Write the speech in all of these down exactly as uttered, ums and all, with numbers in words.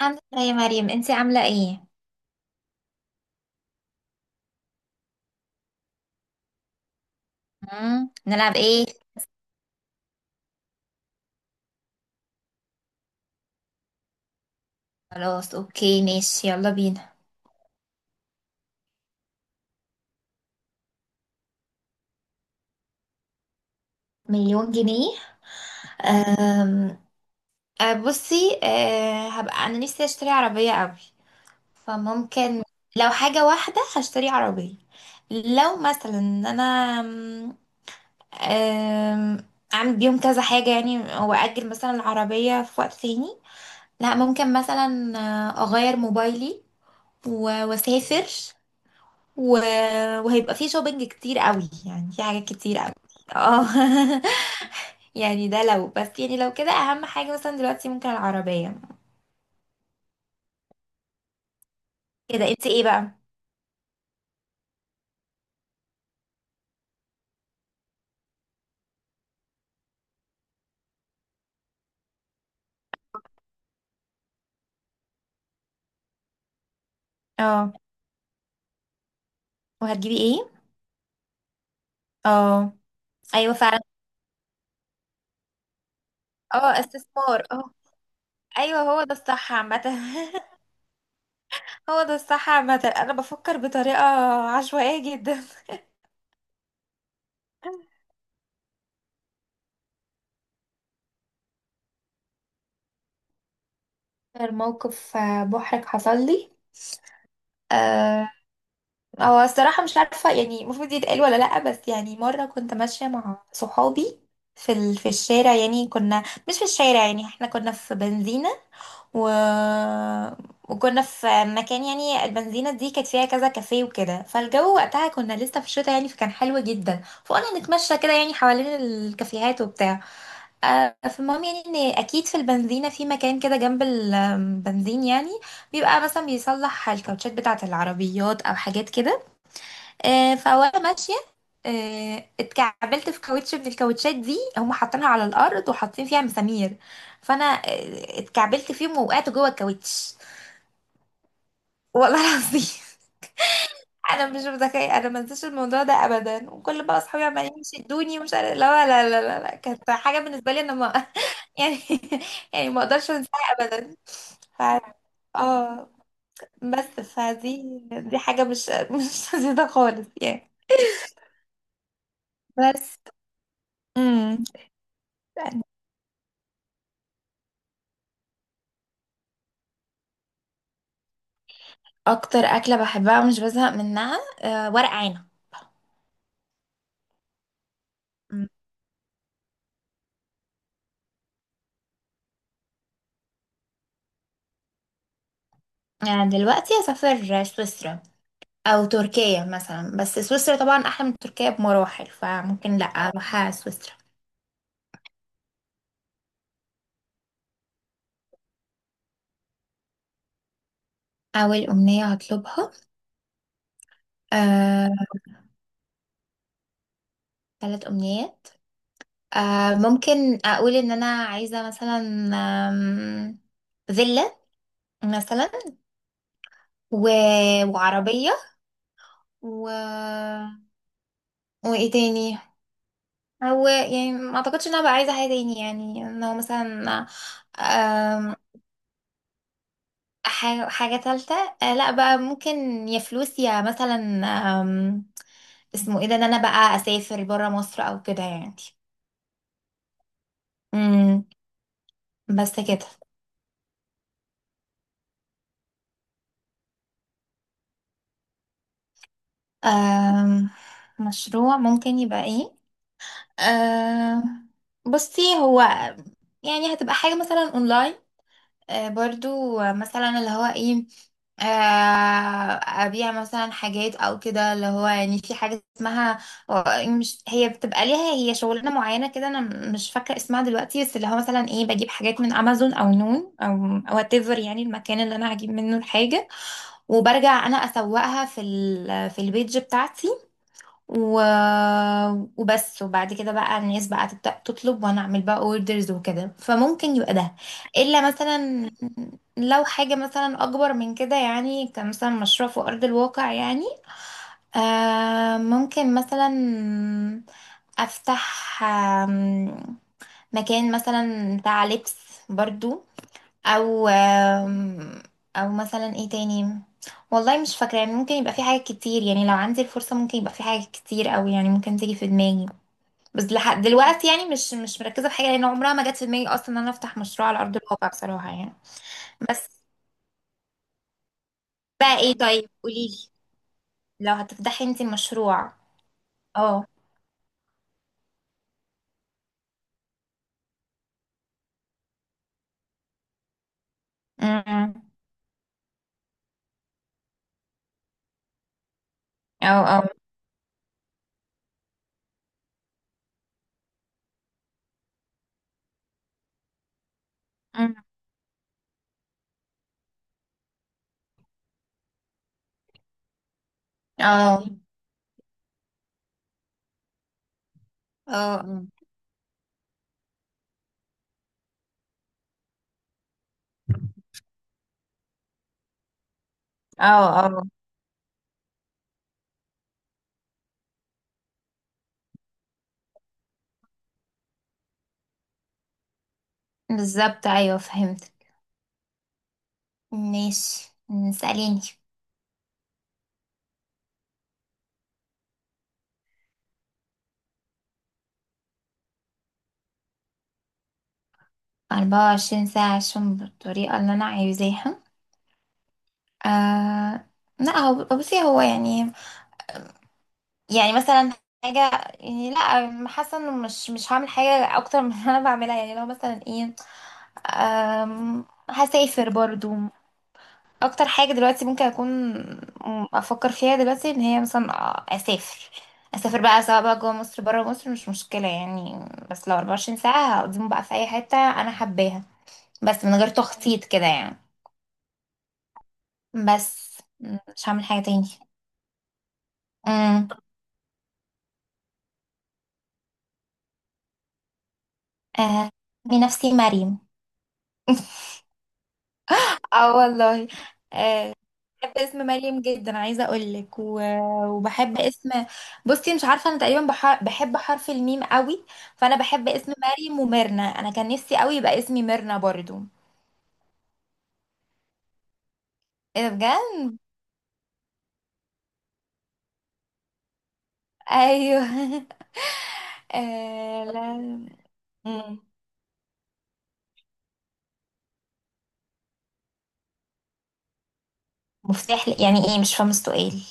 الحمد لله يا مريم، انتي عاملة ايه؟ مم. نلعب ايه؟ خلاص اوكي ماشي، يلا بينا. مليون جنيه. أم... أه، بصي أه... هبقى انا نفسي اشتري عربية قوي. فممكن، لو حاجة واحدة هشتري عربية. لو مثلا ان انا أم... أم، اعمل بيهم كذا حاجة يعني، واجل مثلا العربية في وقت تاني. لا، ممكن مثلا أه، اغير موبايلي و- واسافر و... وهيبقى فيه شوبينج كتير قوي، يعني في حاجات كتير قوي. اه. يعني ده لو بس، يعني لو كده اهم حاجة مثلا دلوقتي ممكن العربية. كده انت ايه بقى؟ اه. وهتجيبي ايه؟ اه. ايوه فعلا. اه، استثمار، اه. ايوه هو ده الصح عامة. هو ده الصح عامة، انا بفكر بطريقة عشوائية جدا. اكتر موقف آه، محرج حصل لي، هو الصراحة مش عارفة يعني المفروض يتقال ولا لأ. بس يعني مرة كنت ماشية مع صحابي في ال... في الشارع، يعني كنا، مش في الشارع، يعني احنا كنا في بنزينة و... وكنا في مكان. يعني البنزينة دي كانت فيها كذا كافيه وكده، فالجو وقتها كنا لسه في الشتاء يعني، فكان حلو جدا، فقلنا نتمشى كده يعني حوالين الكافيهات وبتاع. آه، فالمهم يعني ان اكيد في البنزينة في مكان كده جنب البنزين يعني، بيبقى مثلا بيصلح الكاوتشات بتاعة العربيات او حاجات كده. آه، فوانا ماشيه آه، اتكعبلت في كاوتش من الكاوتشات دي، هم حاطينها على الارض وحاطين فيها مسامير. فانا آه، اتكعبلت فيهم ووقعت جوه الكاوتش. والله العظيم. انا مش متخيله، انا ما انساش الموضوع ده ابدا، وكل بقى اصحابي عمالين يشدوني، ومش عارف، لا لا لا لا لا، كانت حاجه بالنسبه لي انا ما يعني، يعني ما اقدرش انساها ابدا. ف، اه. بس فدي دي حاجه مش مش لذيذه خالص يعني. بس. امم. اكتر اكله بحبها ومش بزهق منها، أه ورق عنب. مم. يعني دلوقتي اسافر سويسرا، او تركيا مثلا. بس سويسرا طبعا احلى من تركيا بمراحل، فممكن لا اروح سويسرا. اول امنيه هطلبها، أه، ثلاث امنيات. أه، ممكن اقول ان انا عايزه مثلا آم، فيلا مثلا، و... وعربيه، و... وايه تاني. هو يعني ما اعتقدش ان انا بقى عايزه حاجه تاني يعني. ان هو مثلا آم، حاجه حاجه ثالثه، لا بقى، ممكن يا فلوس يا مثلا آم، اسمه ايه ده، ان انا بقى اسافر بره مصر او كده يعني. امم. بس كده. آم، مشروع ممكن يبقى ايه، آم، بصي هو يعني هتبقى حاجه مثلا اونلاين. آه، برضو آه، مثلا اللي هو ايه، آه، ابيع مثلا حاجات او كده، اللي هو يعني في حاجه اسمها آه، مش، هي بتبقى ليها هي شغلانه معينه كده. انا مش فاكره اسمها دلوقتي، بس اللي هو مثلا ايه، بجيب حاجات من امازون او نون او وات ايفر يعني، المكان اللي انا هجيب منه الحاجه، وبرجع انا اسوقها في ال في البيج بتاعتي و... وبس. وبعد كده بقى الناس بقى تبدأ تطلب، وانا اعمل بقى اوردرز وكده، فممكن يبقى ده. الا مثلا، لو حاجة مثلا اكبر من كده يعني، كمثلا مشروع في ارض الواقع يعني. آه ممكن مثلا افتح آم، مكان مثلا بتاع لبس برضو. او آم، او مثلا ايه تاني، والله مش فاكره يعني. ممكن يبقى في حاجات كتير يعني، لو عندي الفرصه ممكن يبقى في حاجات كتير قوي يعني، ممكن تيجي في دماغي. بس لحد دلوقتي يعني مش مش مركزه في حاجه، لان عمرها ما جت في دماغي اصلا ان انا افتح مشروع على ارض الواقع بصراحه يعني. بس، بقى ايه؟ طيب قوليلي، لو هتفتحي انت مشروع. اه. أمم. او او. أمم. اه، اه. أمم. اه، اه. بالظبط، ايوه فهمت. ماشي، سأليني. أربعة وعشرين ساعة، عشان بالطريقة اللي أنا عايزاها. آه لا، هو بصي، هو يعني، يعني مثلا حاجة. يعني لا، حاسة إنه مش مش هعمل حاجة أكتر من اللي أنا بعملها. يعني لو مثلا إيه، آم، هسافر برضو. أكتر حاجة دلوقتي ممكن أكون أفكر فيها دلوقتي إن هي مثلا آه، أسافر. أسافر بقى، سواء بقى جوه مصر بره مصر، مش مشكلة يعني. بس لو أربعة وعشرين ساعة هقضيهم بقى في أي حتة أنا حباها، بس من غير تخطيط كده يعني. بس م- مش هعمل حاجة تاني. امم. آه بنفسي مريم. اه، والله. آه بحب اسم مريم جدا، عايزة اقولك، و... وبحب اسم، بصي مش عارفة انا تقريبا بح... بحب حرف الميم قوي. فانا بحب اسم مريم وميرنا، انا كان نفسي قوي يبقى اسمي ميرنا برضو. ايه ده بجد؟ ايوه. آه لا. مم. مفتاح ل- يعني ايه، مش فاهمة السؤال.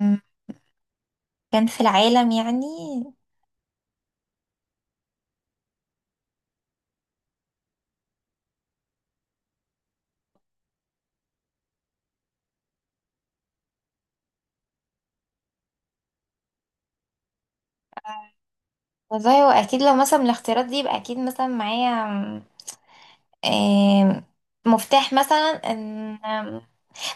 مم. كان في العالم يعني؟ آه. والله هو اكيد لو مثلا من الاختيارات دي، يبقى اكيد مثلا معايا آم، مفتاح مثلا ان آم،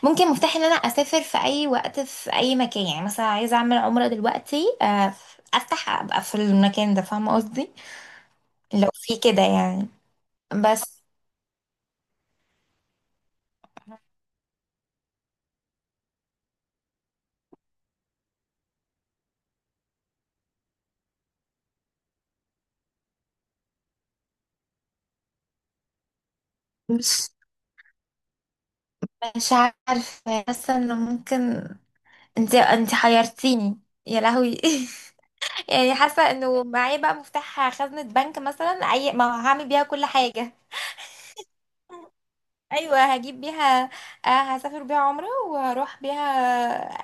ممكن مفتاح ان انا اسافر في اي وقت في اي مكان. يعني مثلا عايزه اعمل عمره دلوقتي، آه، افتح ابقى في المكان ده، فاهمه قصدي؟ لو في كده يعني. بس مش مش عارفه، حاسه انه ممكن، انت انت حيرتيني يا لهوي. يعني حاسه انه معايا بقى مفتاح خزنه بنك مثلا، اي ما هعمل بيها كل حاجه. ايوه، هجيب بيها. آه. هسافر بيها عمرة، واروح بيها،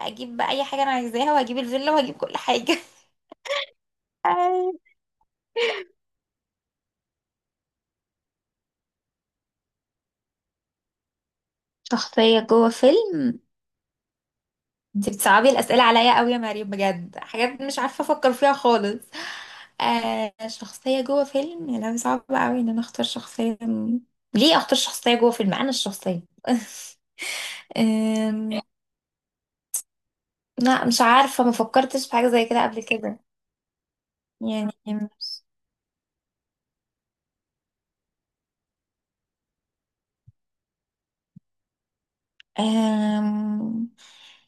اجيب بقى اي حاجة انا عايزاها، وهجيب الفيلا، وهجيب كل حاجة. أي. شخصية جوه فيلم؟ انت بتصعبي الأسئلة عليا قوي يا مريم، بجد حاجات مش عارفة افكر فيها خالص. آه شخصية جوه فيلم، يا لهوي، صعب قوي ان انا اختار شخصية. ليه اختار شخصية جوه فيلم، انا الشخصية. أم... لا، مش عارفة، ما فكرتش في حاجة زي كده قبل كده يعني. أم...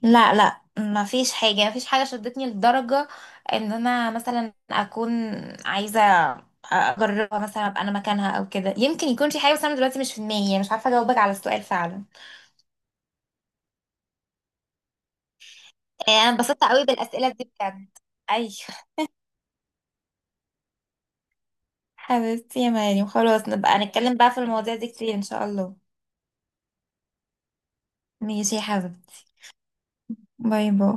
لا لا، ما فيش حاجة، ما فيش حاجة شدتني لدرجة ان انا مثلا اكون عايزة اجربها، مثلا ابقى انا مكانها او كده. يمكن يكون في حاجة، بس انا دلوقتي مش في دماغي يعني، مش عارفة اجاوبك على السؤال فعلا. آه، انا انبسطت قوي بالاسئلة دي بجد. ايوه حبيبتي يا مريم، خلاص نبقى نتكلم بقى في المواضيع دي كتير ان شاء الله. ماشي يا حبيبتي. باي باي.